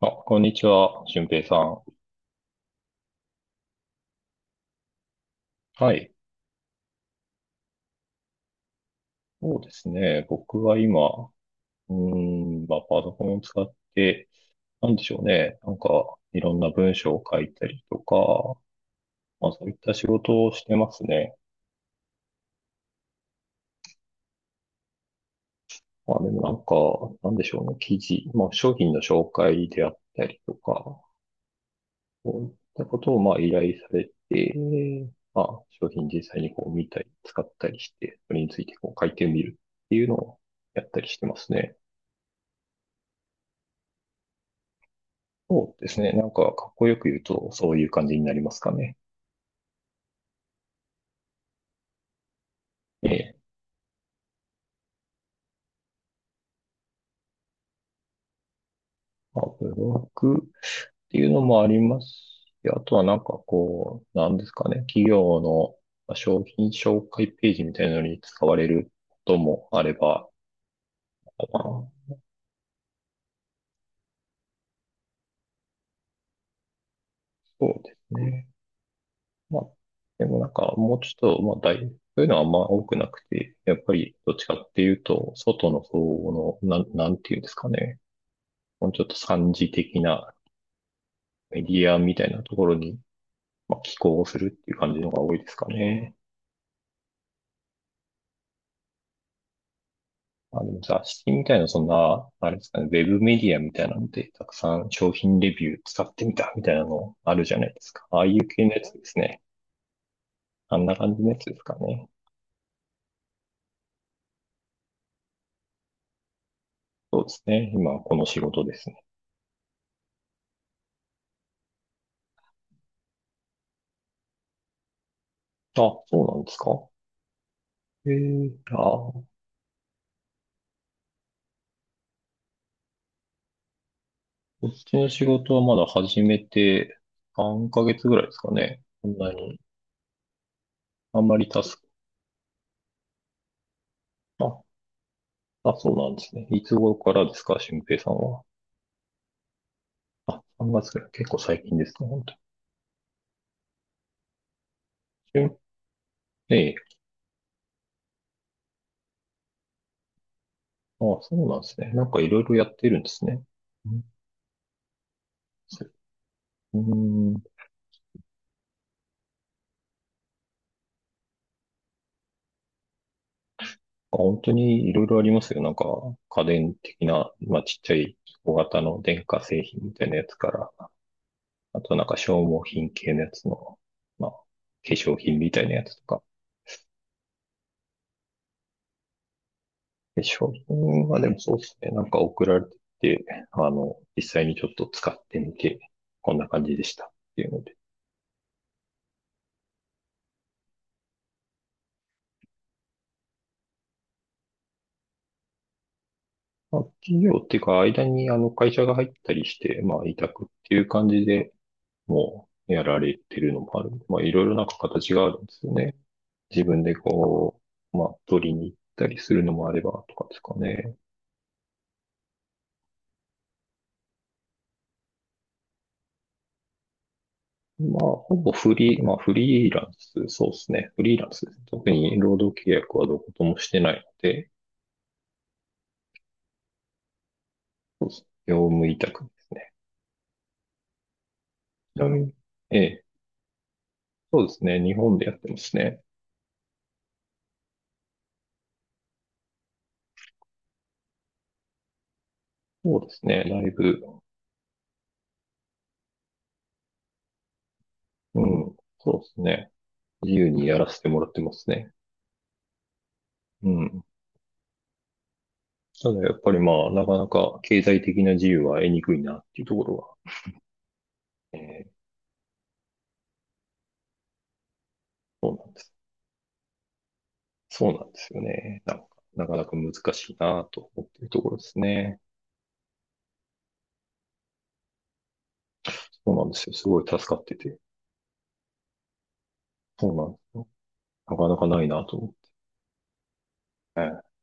あ、こんにちは、俊平さん。はい。そうですね。僕は今、まあ、パソコンを使って、なんでしょうね。なんか、いろんな文章を書いたりとか、まあ、そういった仕事をしてますね。まあ、でもなんか、なんでしょうね。記事、まあ、商品の紹介であったりとか、そういったことを、まあ、依頼されて、まあ、商品実際にこう見たり、使ったりして、それについてこう書いてみるっていうのをやったりしてますね。そうですね。なんか、かっこよく言うと、そういう感じになりますかね。ええ。まあ、ブログっていうのもありますし、あとはなんかこう、なんですかね。企業のまあ商品紹介ページみたいなのに使われることもあれば、まあ、そうですね。まあ、でもなんか、もうちょっと、まあ、そういうのはあんま多くなくて、やっぱり、どっちかっていうと、外の方の、なんていうんですかね。もうちょっと三次的なメディアみたいなところにまあ、寄稿をするっていう感じのが多いですかね。まあ、でも雑誌みたいな、そんな、あれですかね、ウェブメディアみたいなので、たくさん商品レビュー使ってみたみたいなのあるじゃないですか。ああいう系のやつですね。あんな感じのやつですかね。そうですね。今、この仕事ですね。あ、そうなんですか。ええ、あ、こっちの仕事はまだ始めて3ヶ月ぐらいですかね。そんなに、あんまりタスク、あ、あ、そうなんですね。いつ頃からですか、俊平さんは。あ、3月から。結構最近ですね、本当に。ええ。あ、そうなんですね。なんかいろいろやってるんですね。うん。うーん。あ、本当にいろいろありますよ。なんか家電的な、まあちっちゃい小型の電化製品みたいなやつから、あとなんか消耗品系のやつの、まあ化粧品みたいなやつとか。化粧品はでもそうですね。なんか送られてきて、あの、実際にちょっと使ってみて、こんな感じでしたっていうので。まあ、企業っていうか、間にあの会社が入ったりして、まあ、委託っていう感じでもうやられてるのもあるんで。まあ、いろいろなんか形があるんですよね。自分でこう、まあ、取りに行ったりするのもあればとかですかね。まあ、ほぼフリー、まあ、フリーランス、そうですね。フリーランスですね。特に労働契約はどこともしてないので、そうですね。業務委託ですね。ちなみにええ、そうですね。日本でやってますね。そうですね。だいぶ、うん、そうですね。自由にやらせてもらってますね。うん。ただやっぱりまあ、なかなか経済的な自由は得にくいなっていうところは、えーそうなんです。そうなんですよね。なんか、なかなか難しいなと思っているところですね。そうなんですよ。すごい助かってて。そうなんですよ。なかなかないなと思って。ええ。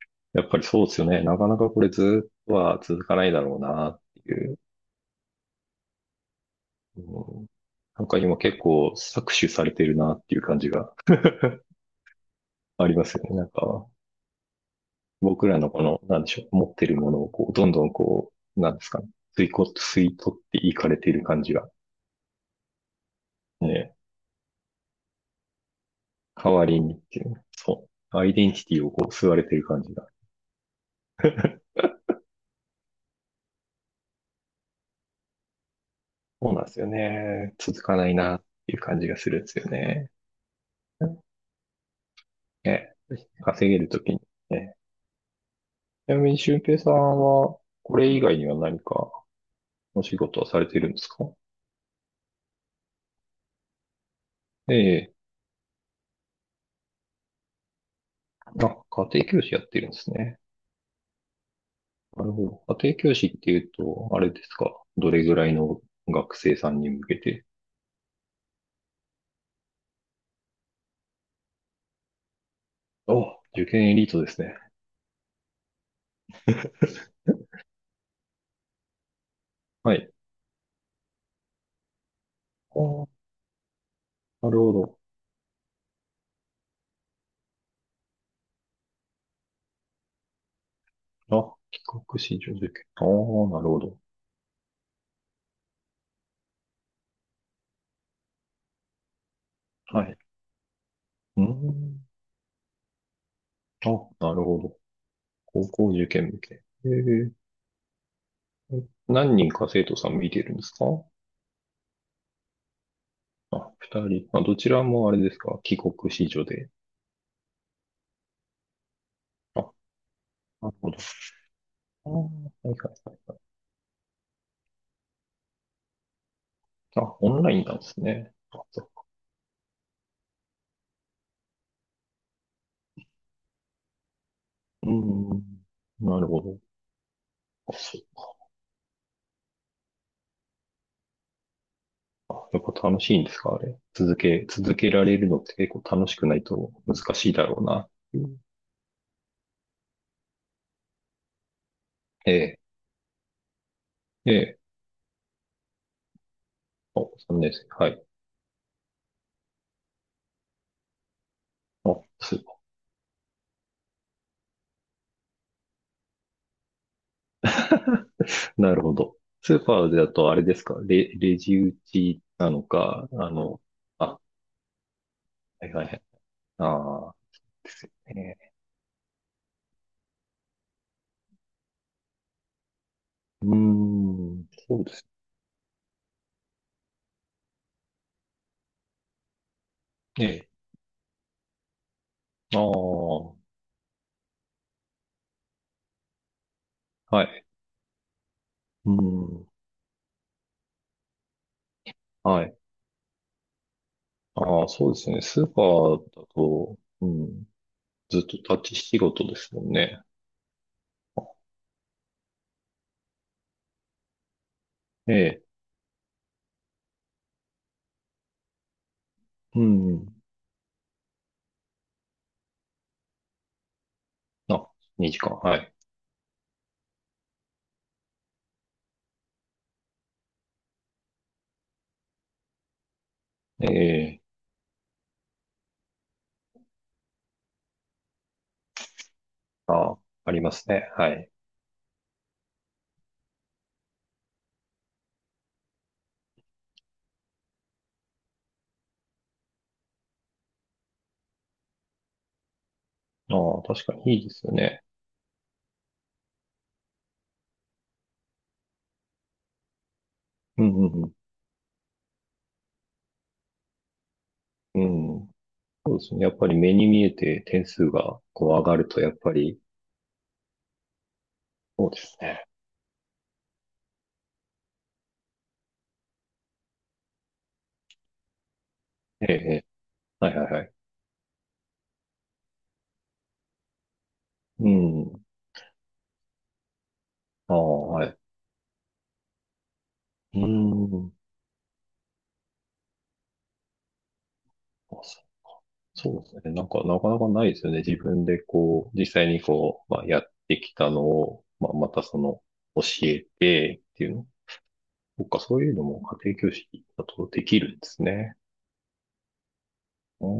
やっぱりそうですよね。なかなかこれずっとは続かないだろうなっていう。うん。なんか今結構搾取されてるなっていう感じがありますよね。なんか、僕らのこの、なんでしょう、持ってるものをこう、どんどんこう、なんですかね、吸い取っていかれている感じが、ね、代わりにっていう、そう、アイデンティティをこう、吸われている感じが。そうなんですよね。続かないなっていう感じがするんですよね。ね、稼げるときにね。ちなみに、俊平さんは、これ以外には何かお仕事はされてるんですか？ええ、あ、家庭教師やってるんですね。なるほど。家庭教師っていうと、あれですか。どれぐらいの学生さんに向けて。あ、受験エリートですね。はい。ああ、なるほど。あ、帰国子女受験。ああ、なるほど。はい。うーん。あ、なるほど。高校受験向け。ええ。何人か生徒さん見てるんですか？あ、二人。あ、どちらもあれですか。帰国子女で。あ、なるほど。ああ、はいはいはいはい。あ、オンラインなんですね。あ、そう。うーん。なるほど。あ、そうか。やっぱ楽しいんですかあれ。続けられるのって結構楽しくないと難しいだろうな。うん。ええ、ええ。あ、3年生。はい。あ、スーパー。なるほど。スーパーだとあれですか。レジ打ちなのか、あの、あ、はいはいはい。ああ、ですよね。うーん、そうですね。ああ、はい。うん、はい。ああ、そうですね。スーパーだと、うん、ずっと立ち仕事ですもんね。ええ、うん。あ、2時間。はい。ええ、あ、ありますね。はい。ああ、確かにいいですよね。うん、うん、うん。うん。そうですね。やっぱり目に見えて点数がこう上がると、やっぱり、そうですね。ええ、ええ。はいはいはい。うん。ああ、はい。うん。あ、そうですね。なんか、なかなかないですよね。自分でこう、実際にこう、まあ、やってきたのを、まあ、またその、教えてっていうの。そっか、そういうのも家庭教師だとできるんですね。ああ、なる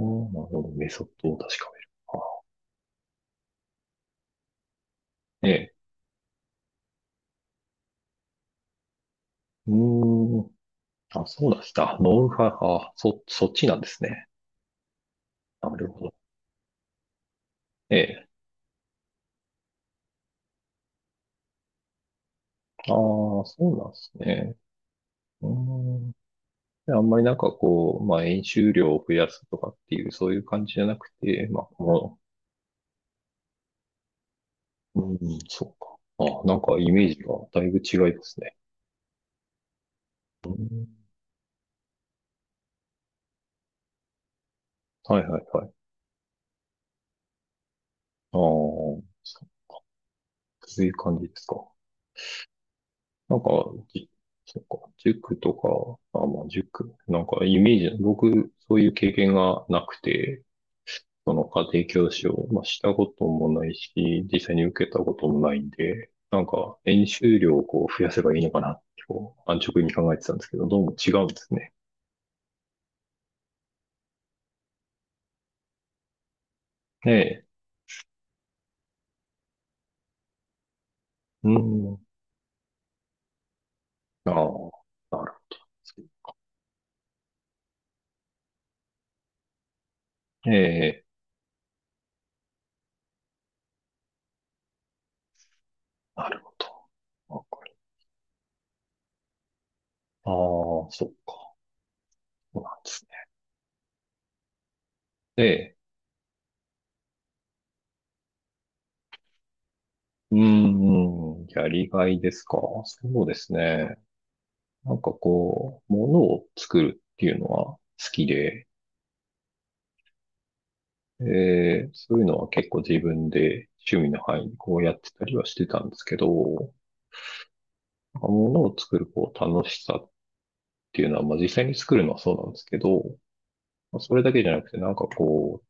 ほど。メソッドを確かめる。あ、ええ。うーん。あ、そうでした。ノウハウ、あ、そっちなんですね。なるほど。ええ。ああ、そうなんですね。うーん。であんまりなんかこう、まあ、演習量を増やすとかっていう、そういう感じじゃなくて、まあ、この、うん、そうか。あ、なんかイメージがだいぶ違いますね。うん、はいはいはい。ああ、そう、そういう感じですか。なんか、じそうか、塾とか、あ、まあ、塾、なんかイメージ、僕、そういう経験がなくて、その家庭教師を、まあ、したこともないし、実際に受けたこともないんで、なんか、演習量をこう増やせばいいのかなって、こう、安直に考えてたんですけど、どうも違うんですね。ええ、うん、ああ、なるほど。ええ、なるほど。わかる。ああ、そっか、そうなんですね。ええ。うーん、やりがいですか。そうですね。なんかこう、ものを作るっていうのは好きで、そういうのは結構自分で趣味の範囲にこうやってたりはしてたんですけど、ものを作るこう楽しさっていうのは、まあ実際に作るのはそうなんですけど、まあそれだけじゃなくてなんかこう、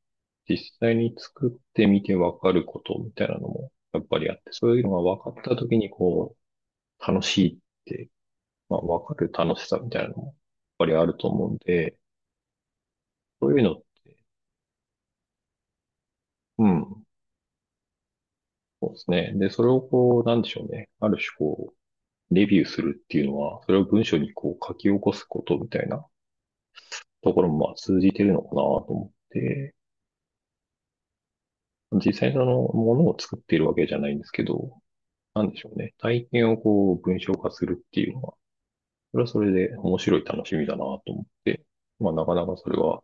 実際に作ってみてわかることみたいなのもやっぱりあって、そういうのが分かった時にこう、楽しいってまあ、わかる楽しさみたいなのも、やっぱりあると思うんで、そういうの、うん、そうですね。で、それをこう、なんでしょうね。ある種こう、レビューするっていうのは、それを文章にこう書き起こすことみたいなところもまあ通じてるのかなと思って、実際そのものを作っているわけじゃないんですけど、なんでしょうね。体験をこう、文章化するっていうのは、それはそれで面白い楽しみだなと思って、まあなかなかそれは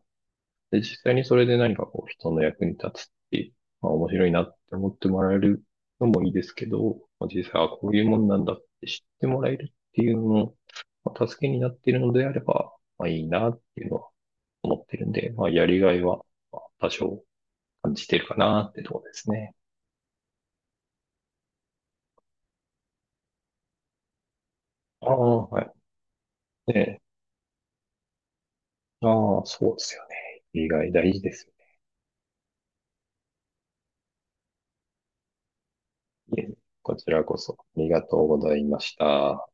で、実際にそれで何かこう人の役に立つっていう、まあ面白いなって思ってもらえるのもいいですけど、まあ、実際はこういうもんなんだって知ってもらえるっていうのの、まあ、助けになっているのであれば、まあいいなっていうのは思ってるんで、まあやりがいは多少感じてるかなってところですね。ああ、はい。ね。ああ、そうですよね。やりがい大事ですよね。いえ、こちらこそありがとうございました。